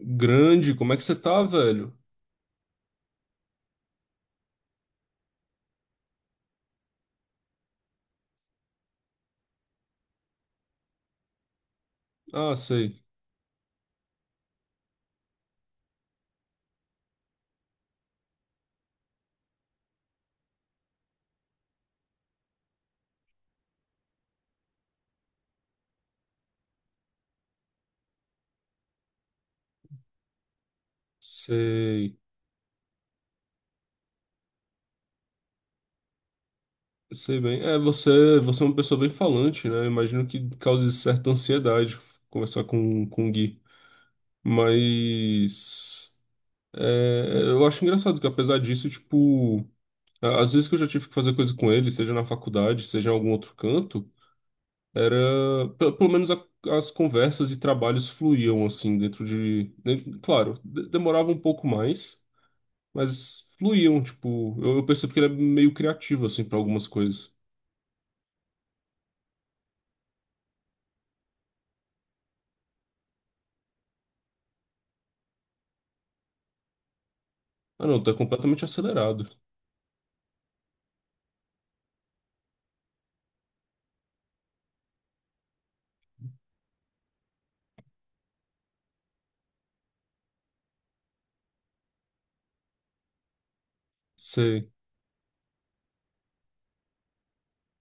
Grande, como é que você tá, velho? Ah, sei, sei, sei bem. É, você é uma pessoa bem falante, né? Imagino que cause certa ansiedade conversar com o Gui. Mas é, eu acho engraçado que apesar disso, tipo, às vezes que eu já tive que fazer coisa com ele, seja na faculdade, seja em algum outro canto, era, pelo menos as conversas e trabalhos fluíam assim dentro claro, demorava um pouco mais. Mas fluíam, tipo, eu percebo que ele é meio criativo, assim, pra algumas coisas. Ah, não, tá completamente acelerado. Sei.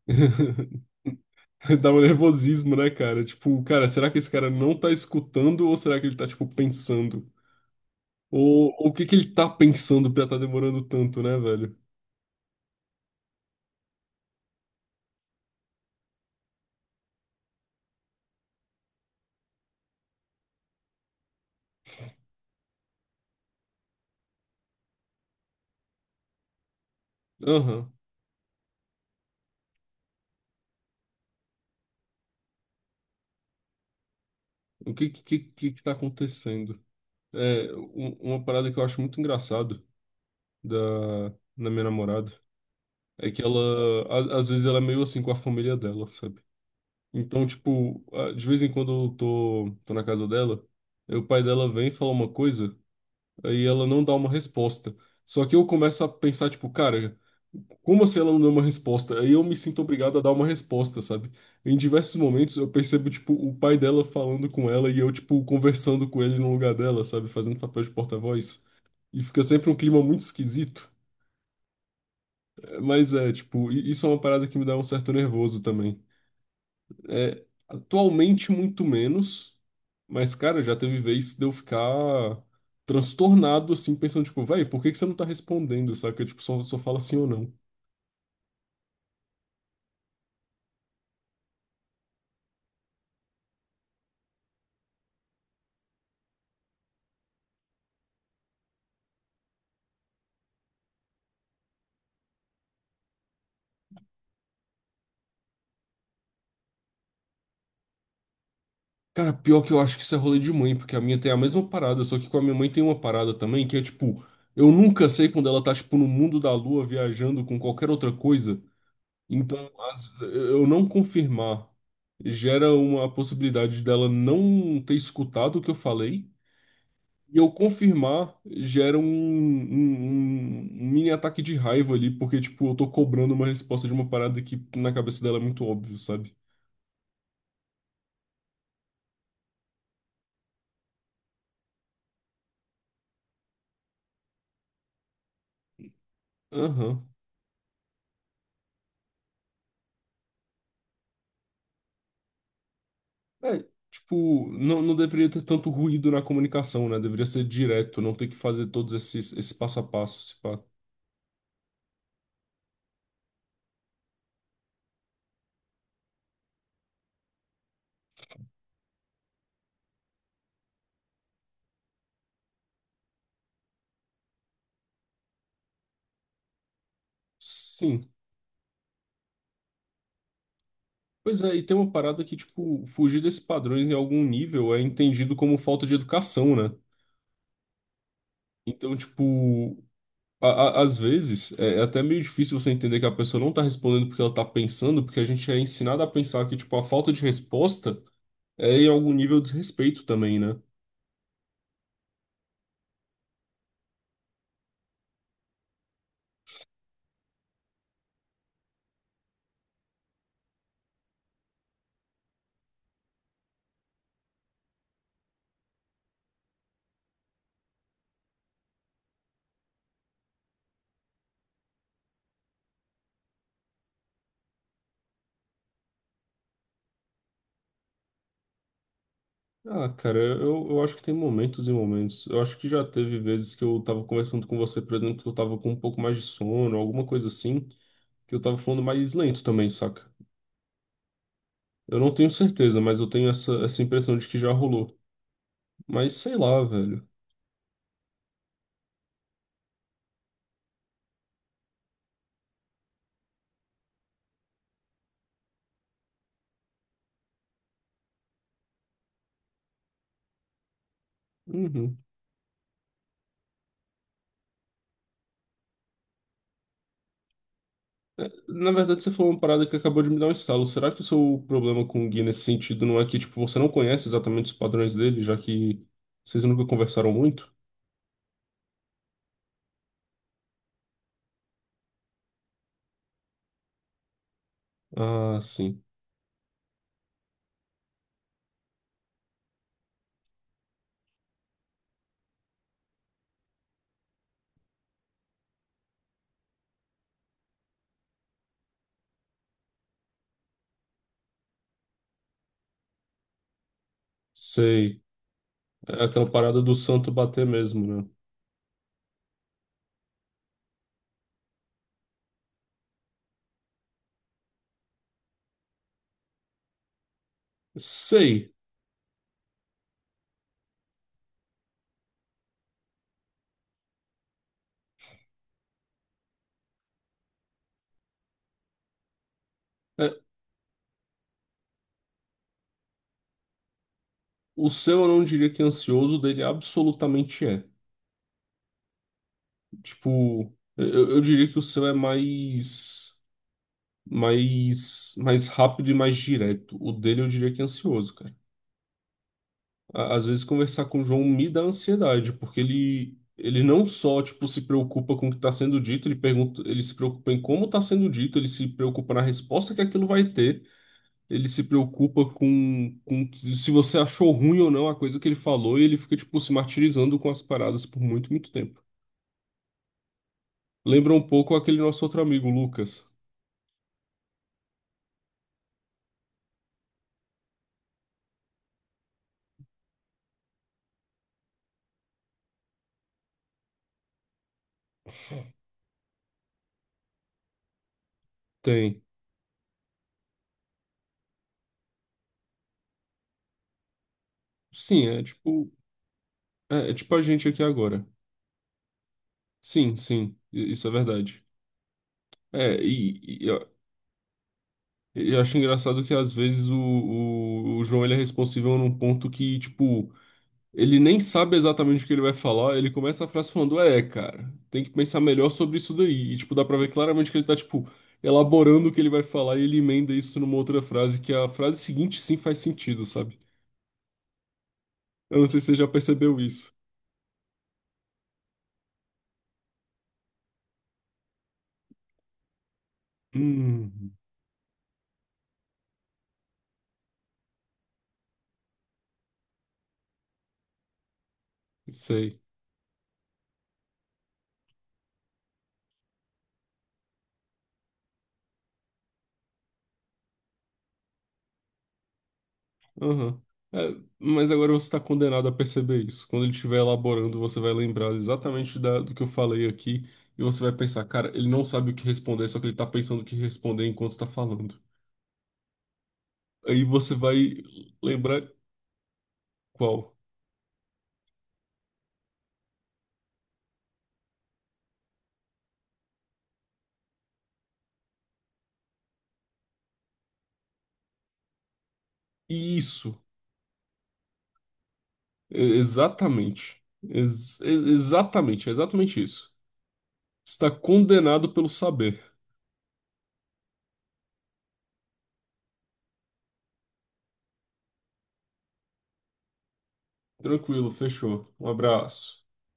Dá um nervosismo, né, cara? Tipo, cara, será que esse cara não tá escutando ou será que ele tá, tipo, pensando? Ou o que que ele tá pensando pra tá demorando tanto, né, velho? Aham. O que que, que tá acontecendo? É, uma parada que eu acho muito engraçado da, da minha namorada é que ela, às vezes, ela é meio assim com a família dela, sabe? Então, tipo, ah, de vez em quando eu tô na casa dela, aí o pai dela vem e fala uma coisa, aí ela não dá uma resposta. Só que eu começo a pensar, tipo, cara, como assim ela não deu uma resposta? Aí eu me sinto obrigado a dar uma resposta, sabe? Em diversos momentos eu percebo, tipo, o pai dela falando com ela e eu, tipo, conversando com ele no lugar dela, sabe? Fazendo papel de porta-voz. E fica sempre um clima muito esquisito. Mas é, tipo, isso é uma parada que me dá um certo nervoso também. É, atualmente muito menos, mas, cara, já teve vez de eu ficar transtornado, assim, pensando, tipo, véi, por que que você não tá respondendo, saca? Tipo, só fala sim ou não. Cara, pior que eu acho que isso é rolê de mãe, porque a minha tem a mesma parada, só que com a minha mãe tem uma parada também, que é, tipo, eu nunca sei quando ela tá, tipo, no mundo da lua, viajando com qualquer outra coisa, então, eu não confirmar gera uma possibilidade dela não ter escutado o que eu falei, e eu confirmar gera um mini ataque de raiva ali, porque, tipo, eu tô cobrando uma resposta de uma parada que na cabeça dela é muito óbvio, sabe? Aham. É, tipo, não, não deveria ter tanto ruído na comunicação, né? Deveria ser direto, não ter que fazer todos esses, esse passo a passo, esse pá. Sim. Pois é, e tem uma parada que, tipo, fugir desses padrões em algum nível é entendido como falta de educação, né? Então, tipo, a- às vezes é até meio difícil você entender que a pessoa não tá respondendo porque ela tá pensando, porque a gente é ensinado a pensar que, tipo, a falta de resposta é em algum nível de desrespeito também, né? Ah, cara, eu acho que tem momentos e momentos. Eu acho que já teve vezes que eu tava conversando com você, por exemplo, que eu tava com um pouco mais de sono, alguma coisa assim, que eu tava falando mais lento também, saca? Eu não tenho certeza, mas eu tenho essa impressão de que já rolou. Mas sei lá, velho. Uhum. Na verdade, você falou uma parada que acabou de me dar um estalo. Será que o seu problema com o Gui nesse sentido não é que, tipo, você não conhece exatamente os padrões dele, já que vocês nunca conversaram muito? Ah, sim. Sei. É aquela parada do santo bater mesmo, né? Sei. É, o seu eu não diria que é ansioso, o dele absolutamente é. Tipo, eu diria que o seu é mais, mais rápido e mais direto. O dele eu diria que é ansioso, cara. A- às vezes conversar com o João me dá ansiedade, porque ele não só, tipo, se preocupa com o que está sendo dito, ele pergunta, ele se preocupa em como está sendo dito, ele se preocupa na resposta que aquilo vai ter, ele se preocupa com se você achou ruim ou não a coisa que ele falou, e ele fica, tipo, se martirizando com as paradas por muito, muito tempo. Lembra um pouco aquele nosso outro amigo, o Lucas. Tem. Sim, é é tipo a gente aqui agora. Sim, sim, isso é verdade. É, e, eu acho engraçado que às vezes o João ele é responsível num ponto que, tipo, ele nem sabe exatamente o que ele vai falar, ele começa a frase falando, é, cara, tem que pensar melhor sobre isso daí. E, tipo, dá pra ver claramente que ele tá, tipo, elaborando o que ele vai falar e ele emenda isso numa outra frase, que a frase seguinte sim faz sentido, sabe? Eu não sei se você já percebeu isso. Hum, sei. Aham. É, mas agora você está condenado a perceber isso. Quando ele estiver elaborando, você vai lembrar exatamente do que eu falei aqui e você vai pensar, cara, ele não sabe o que responder, só que ele está pensando o que responder enquanto está falando. Aí você vai lembrar qual. Isso. Exatamente. Exatamente, é exatamente isso. Está condenado pelo saber. Tranquilo, fechou. Um abraço.